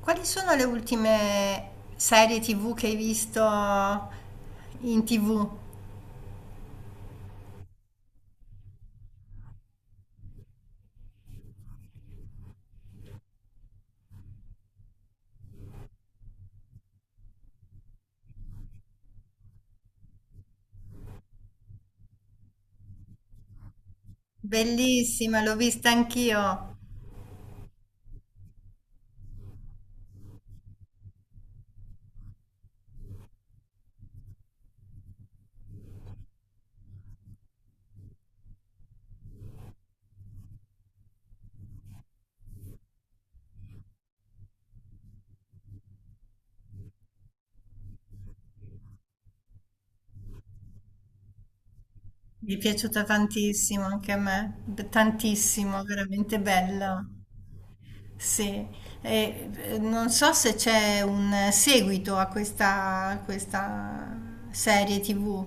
Quali sono le ultime serie TV che hai visto in TV? Bellissima, l'ho vista anch'io. Mi è piaciuta tantissimo anche a me, tantissimo, veramente bella. Sì. E, non so se c'è un seguito a questa serie TV.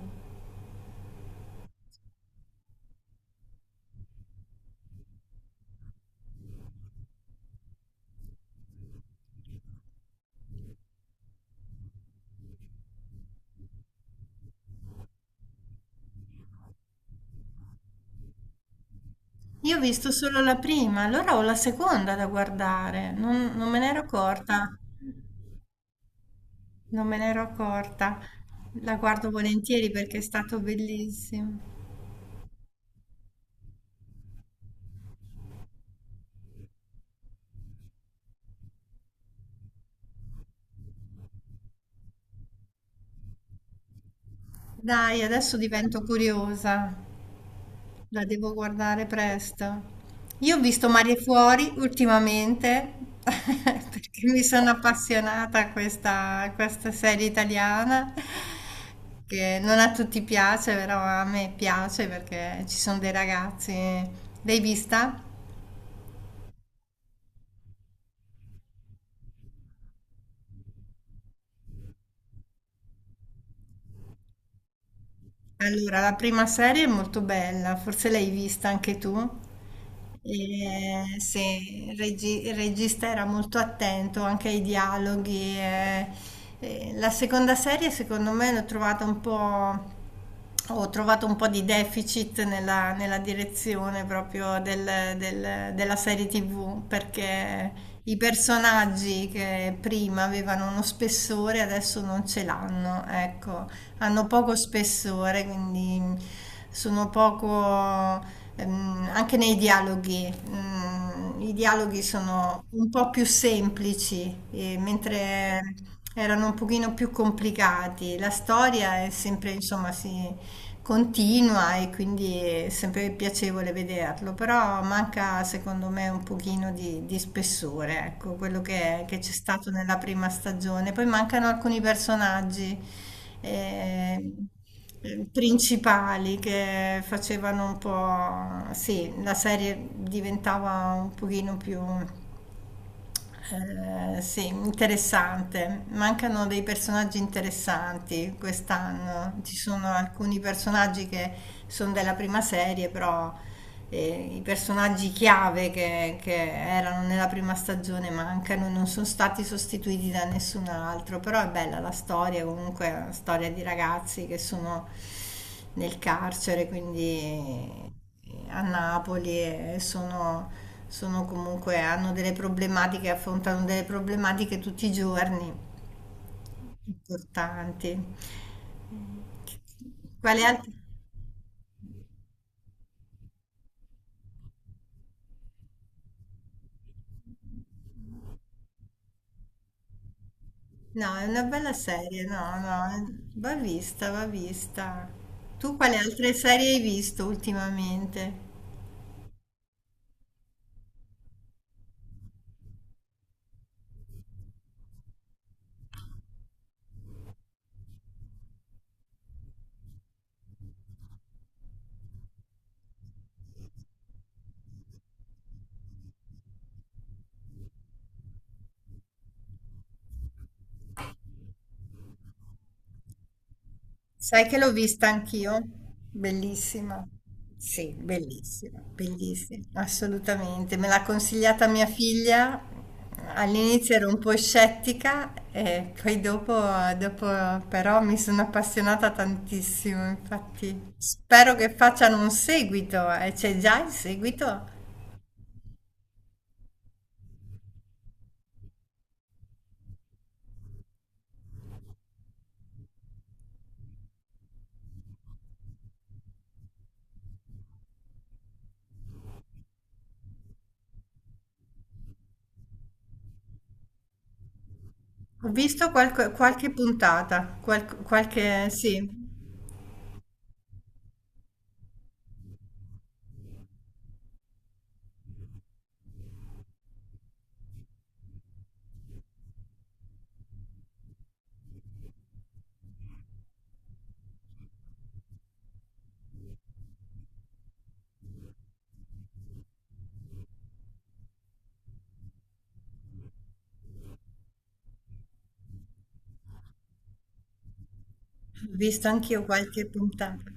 Io ho visto solo la prima, allora ho la seconda da guardare, non me ne ero accorta. Non me ne ero accorta, la guardo volentieri perché è stato bellissimo. Dai, adesso divento curiosa, la devo guardare presto. Io ho visto Mare Fuori ultimamente perché mi sono appassionata a questa serie italiana che non a tutti piace, però a me piace perché ci sono dei ragazzi. L'hai vista? Allora, la prima serie è molto bella, forse l'hai vista anche tu. E, sì, il regista era molto attento anche ai dialoghi. E la seconda serie, secondo me, l'ho trovata un po', ho trovato un po' di deficit nella direzione proprio della serie TV, perché i personaggi che prima avevano uno spessore adesso non ce l'hanno, ecco, hanno poco spessore, quindi mm, sono poco, anche nei dialoghi. I dialoghi sono un po' più semplici, mentre erano un pochino più complicati. La storia è sempre, insomma, si, continua e quindi è sempre piacevole vederlo, però manca secondo me un pochino di spessore, ecco, quello che c'è stato nella prima stagione. Poi mancano alcuni personaggi eh, principali che facevano un po', sì, la serie diventava un pochino più sì, interessante. Mancano dei personaggi interessanti quest'anno. Ci sono alcuni personaggi che sono della prima serie, però i personaggi chiave che erano nella prima stagione mancano, e non sono stati sostituiti da nessun altro. Però è bella la storia, comunque è una storia di ragazzi che sono nel carcere, quindi a Napoli e sono comunque, hanno delle problematiche, affrontano delle problematiche tutti i giorni importanti. Quali altri? No, è una bella serie, no, no, va vista, va vista. Tu quali altre serie hai visto ultimamente? Sai che l'ho vista anch'io? Bellissima. Sì, bellissima, bellissima, assolutamente. Me l'ha consigliata mia figlia. All'inizio ero un po' scettica e poi dopo però mi sono appassionata tantissimo. Infatti, spero che facciano un seguito. C'è già il seguito? Ho visto qualche puntata, sì, ho visto anch'io qualche puntata.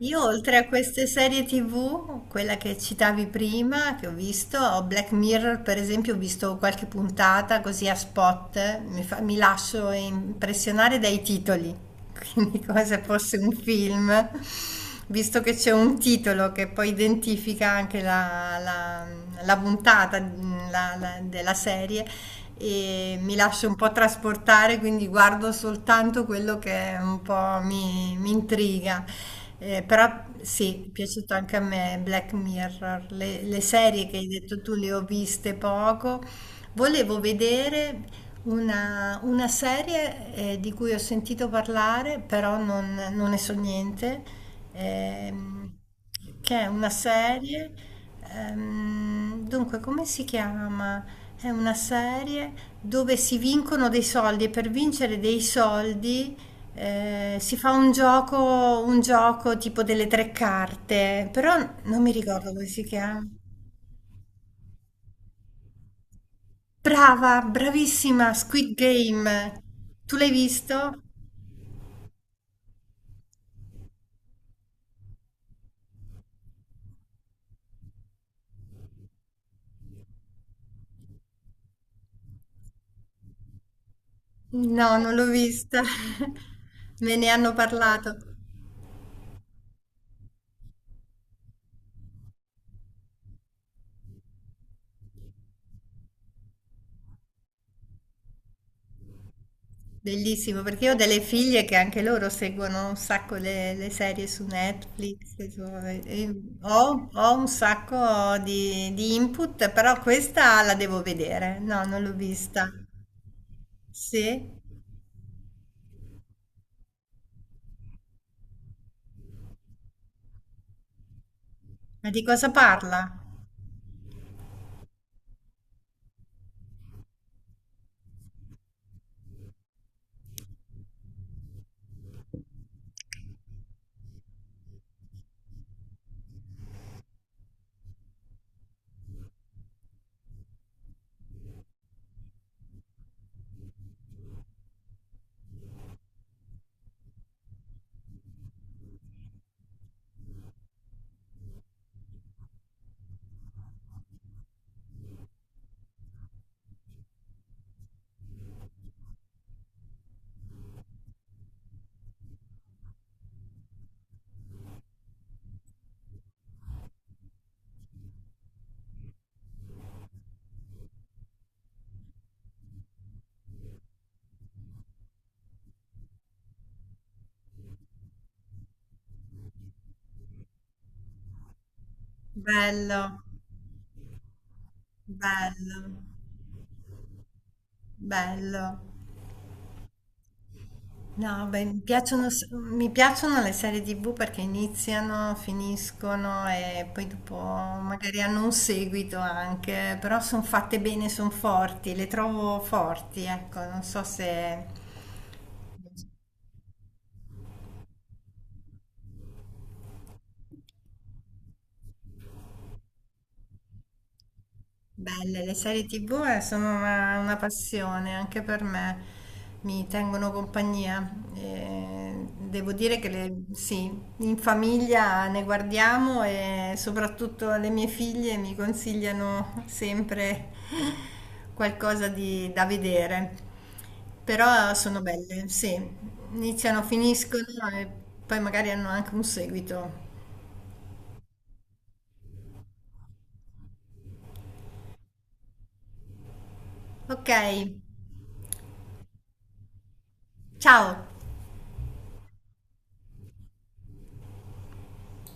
Io oltre a queste serie TV, quella che citavi prima, che ho visto, ho Black Mirror per esempio, ho visto qualche puntata così a spot, mi lascio impressionare dai titoli, quindi come se fosse un film, visto che c'è un titolo che poi identifica anche la puntata, della serie e mi lascio un po' trasportare, quindi guardo soltanto quello che un po' mi intriga. Però sì, è piaciuto anche a me Black Mirror, le serie che hai detto tu le ho viste poco. Volevo vedere una serie di cui ho sentito parlare, però non ne so niente, ehm, che è una serie, dunque come si chiama? È una serie dove si vincono dei soldi e per vincere dei soldi si fa un gioco, tipo delle tre carte, però non mi ricordo come si chiama. Brava, bravissima, Squid Game. Tu l'hai visto? No, non l'ho vista. Me ne hanno parlato. Bellissimo, perché io ho delle figlie che anche loro seguono un sacco le serie su Netflix. E ho un sacco di input, però questa la devo vedere. No, non l'ho vista. Sì? Ma di cosa parla? Bello, bello, bello. No, beh, mi piacciono le serie TV perché iniziano, finiscono e poi dopo magari hanno un seguito anche, però sono fatte bene, sono forti, le trovo forti, ecco, non so se... Belle, le serie TV sono una passione anche per me, mi tengono compagnia. Devo dire che sì, in famiglia ne guardiamo e soprattutto le mie figlie mi consigliano sempre qualcosa da vedere. Però sono belle, sì, iniziano, finiscono e poi magari hanno anche un seguito. Ok, ciao!